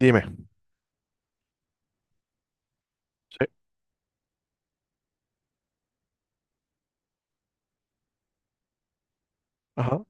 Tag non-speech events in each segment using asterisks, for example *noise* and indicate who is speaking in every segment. Speaker 1: Dime. Sí. Ajá.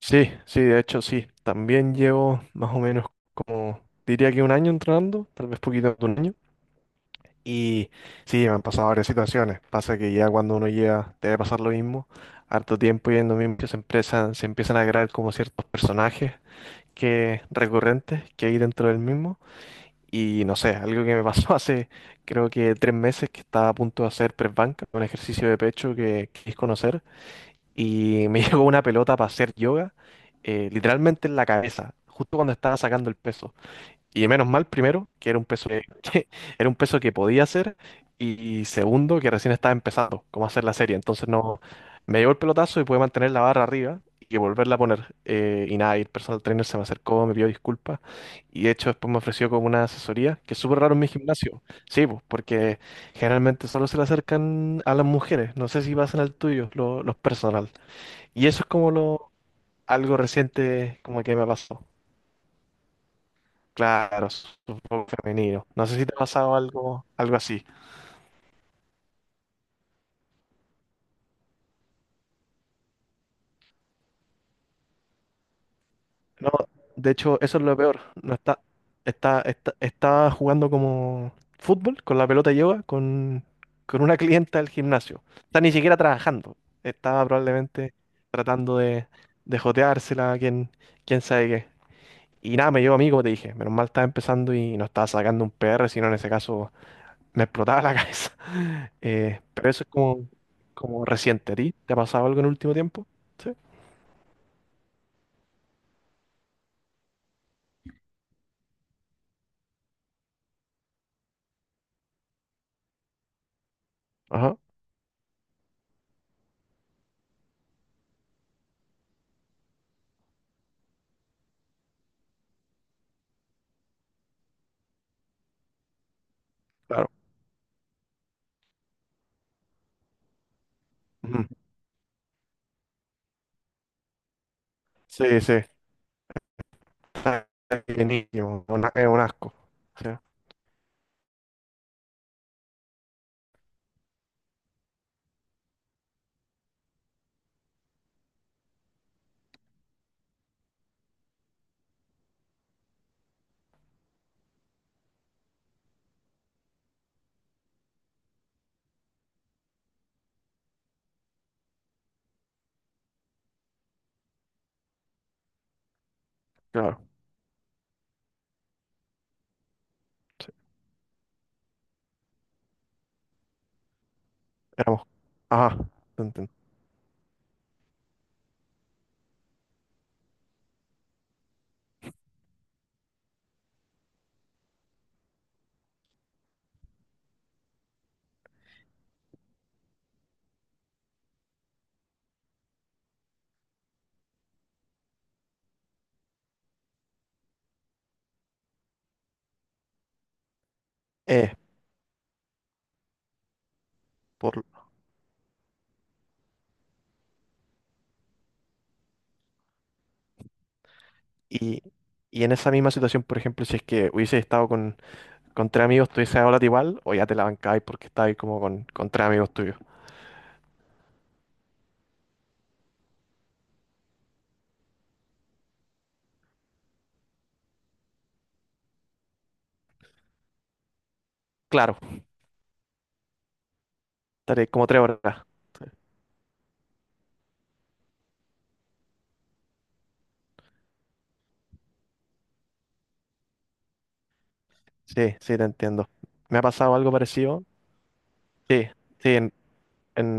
Speaker 1: Sí, sí, de hecho sí. También llevo más o menos como, diría que un año entrenando, tal vez poquito más de un año. Y sí, me han pasado varias situaciones. Pasa que ya cuando uno llega, debe pasar lo mismo. Harto tiempo yendo mismo, que se empiezan a crear como ciertos personajes que recurrentes que hay dentro del mismo. Y no sé, algo que me pasó *laughs* hace creo que 3 meses que estaba a punto de hacer press banca, un ejercicio de pecho que quis conocer. Y me *laughs* llegó una pelota para hacer yoga, literalmente en la cabeza, justo cuando estaba sacando el peso. Y menos mal, primero, que era un peso que, *laughs* que era un peso que podía hacer, y segundo, que recién estaba empezando, cómo hacer la serie. Entonces no, me llegó el pelotazo y pude mantener la barra arriba. Y volverla a poner. Y nada, y el personal trainer se me acercó, me pidió disculpas. Y de hecho, después me ofreció como una asesoría, que es súper raro en mi gimnasio. Sí, pues, porque generalmente solo se le acercan a las mujeres. No sé si pasa al tuyo, los personal. Y eso es como algo reciente como que me pasó. Claro, es un poco femenino. No sé si te ha pasado algo, algo así. No, de hecho, eso es lo peor. No está jugando como fútbol con la pelota de yoga con una *laughs* clienta del gimnasio. Está ni siquiera trabajando. Estaba probablemente tratando de joteársela, quién sabe qué. Y nada, me llevo a mí, como te dije. Menos mal estaba empezando y no estaba sacando un PR sino en ese caso me explotaba la *laughs* cabeza. Pero eso es como, reciente. ¿A ti te ha pasado algo en el último tiempo? Sí. Ajá, claro. Ujú. Sí, sí. Está de niño, es un asco. Sí, claro. Sí, éramos. Ajá. Te entiendo. Eh, por, y, y en esa misma situación, por ejemplo, si es que hubiese estado con, tres amigos, ¿tú hubieses hablado igual o ya te la bancabas porque estabas como con tres amigos tuyos? Claro, estaré como 3 horas. Sí, sí, te entiendo. ¿Me ha pasado algo parecido? Sí, sí,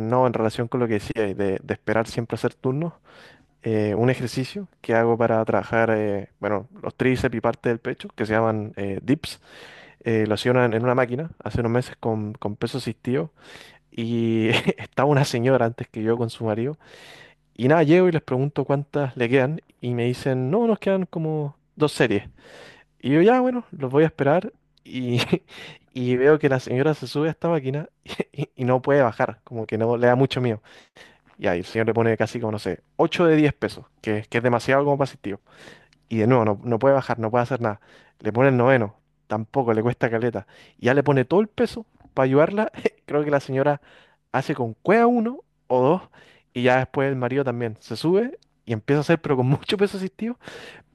Speaker 1: no, en relación con lo que decíais, de esperar siempre hacer turnos, un ejercicio que hago para trabajar, bueno, los tríceps y parte del pecho, que se llaman dips, lo hacía en una máquina hace unos meses con peso asistido y *laughs* estaba una señora antes que yo con su marido y nada, llego y les pregunto cuántas le quedan y me dicen, no, nos quedan como dos series. Y yo ya, bueno, los voy a esperar y, *laughs* y veo que la señora se sube a esta máquina *laughs* y no puede bajar, como que no le da mucho miedo. Y ahí el señor le pone casi como, no sé, 8 de 10 pesos, que es demasiado como para asistir. Y de nuevo, no, no puede bajar, no puede hacer nada. Le pone el noveno, tampoco, le cuesta caleta. Y ya le pone todo el peso para ayudarla. *laughs* Creo que la señora hace con cueva uno o dos, y ya después el marido también se sube y empieza a hacer, pero con mucho peso asistido.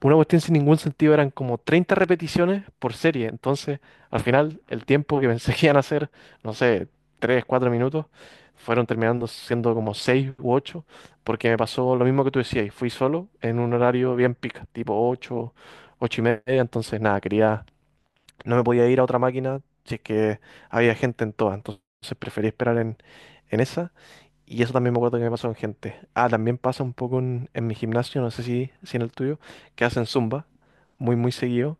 Speaker 1: Una cuestión sin ningún sentido eran como 30 repeticiones por serie. Entonces, al final, el tiempo que pensé que iban a hacer, no sé, 3 4 minutos, fueron terminando siendo como 6 u 8 porque me pasó lo mismo que tú decías. Y fui solo en un horario bien pica, tipo 8 8 y media. Entonces, nada, quería, no me podía ir a otra máquina si es que había gente en todas. Entonces, preferí esperar en, esa. Y eso también me acuerdo que me pasó con gente. Ah, también pasa un poco en, mi gimnasio, no sé si en el tuyo, que hacen zumba muy, muy seguido.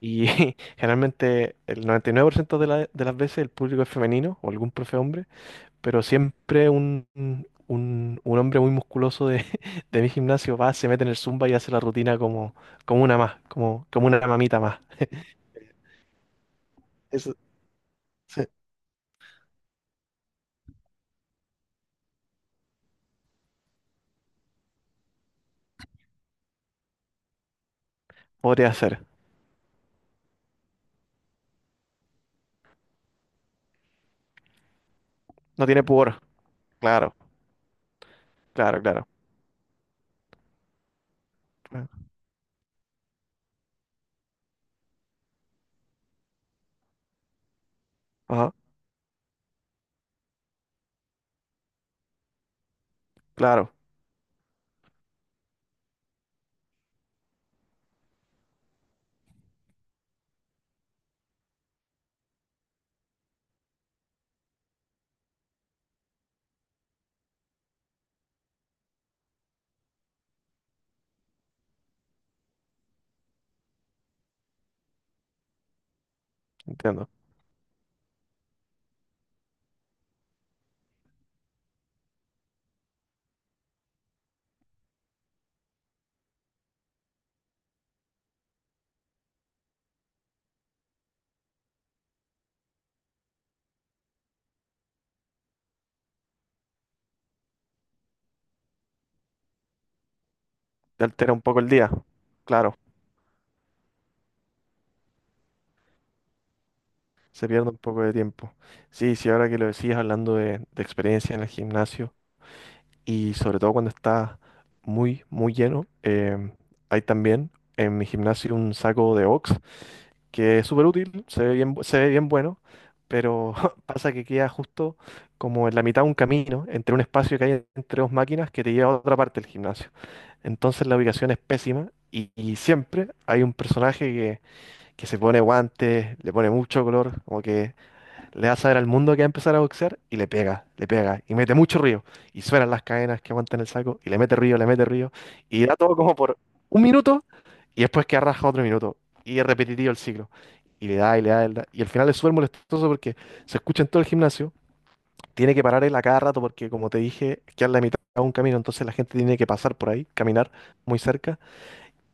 Speaker 1: Y *laughs* generalmente el 99% de, de las veces el público es femenino o algún profe hombre, pero siempre un hombre muy musculoso de, *laughs* de mi gimnasio va, se mete en el zumba y hace la rutina como, como una más, como una mamita más. Eso se podría hacer. No tiene pudor. Claro, claro, claro. Ajá, claro. Entiendo. Te altera un poco el día. Claro, se pierde un poco de tiempo. Sí, sí, ahora que lo decías hablando de experiencia en el gimnasio y sobre todo cuando está muy, muy lleno, hay también en mi gimnasio un saco de box que es súper útil, se ve bien, se ve bien bueno, pero *laughs* pasa que queda justo como en la mitad de un camino, entre un espacio que hay entre dos máquinas que te lleva a otra parte del gimnasio. Entonces la ubicación es pésima y siempre hay un personaje que se pone guantes, le pone mucho color, como que le da a saber al mundo que va a empezar a boxear y le pega y mete mucho ruido. Y suenan las cadenas que aguantan el saco y le mete ruido y da todo como por un minuto y después que arrastra otro minuto y es repetitivo el ciclo. Y le da y le da, y le da. Y al final es súper molestoso porque se escucha en todo el gimnasio, tiene que parar él a cada rato porque como te dije, queda en la mitad de un camino, entonces la gente tiene que pasar por ahí, caminar muy cerca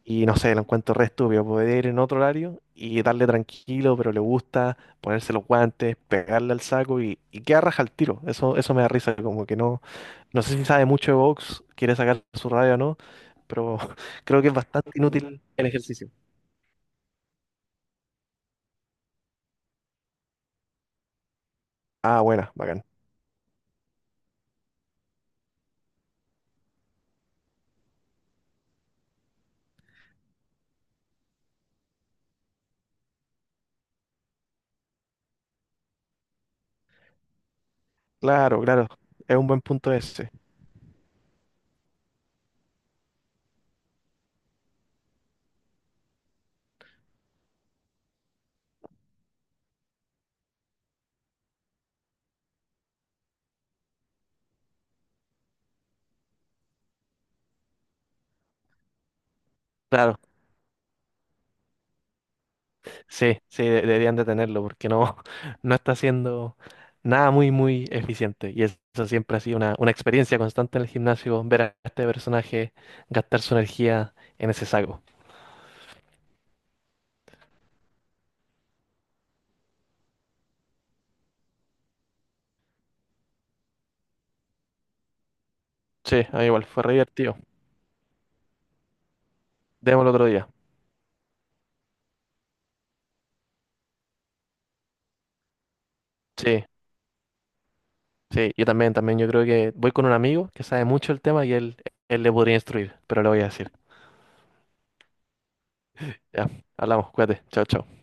Speaker 1: y no sé, lo encuentro re estúpido. Poder ir en otro horario y darle tranquilo, pero le gusta ponerse los guantes, pegarle al saco y, queda raja al tiro. Eso me da risa, como que no. No sé si sabe mucho de box, quiere sacar su radio o no, pero *laughs* creo que es bastante inútil el ejercicio. Ah, buena, bacán. Claro, claro. Es un buen punto ese. Claro. Sí, sí, deberían detenerlo porque no, *laughs* no está haciendo nada muy, muy eficiente. Y eso siempre ha sido una experiencia constante en el gimnasio, ver a este personaje gastar su energía en ese saco. Sí, a mí igual, fue re divertido. Démoslo otro día. Sí, sí, yo también, también. Yo creo que voy con un amigo que sabe mucho el tema y él le podría instruir, pero le voy a decir. Ya, hablamos, cuídate. Chao, chao.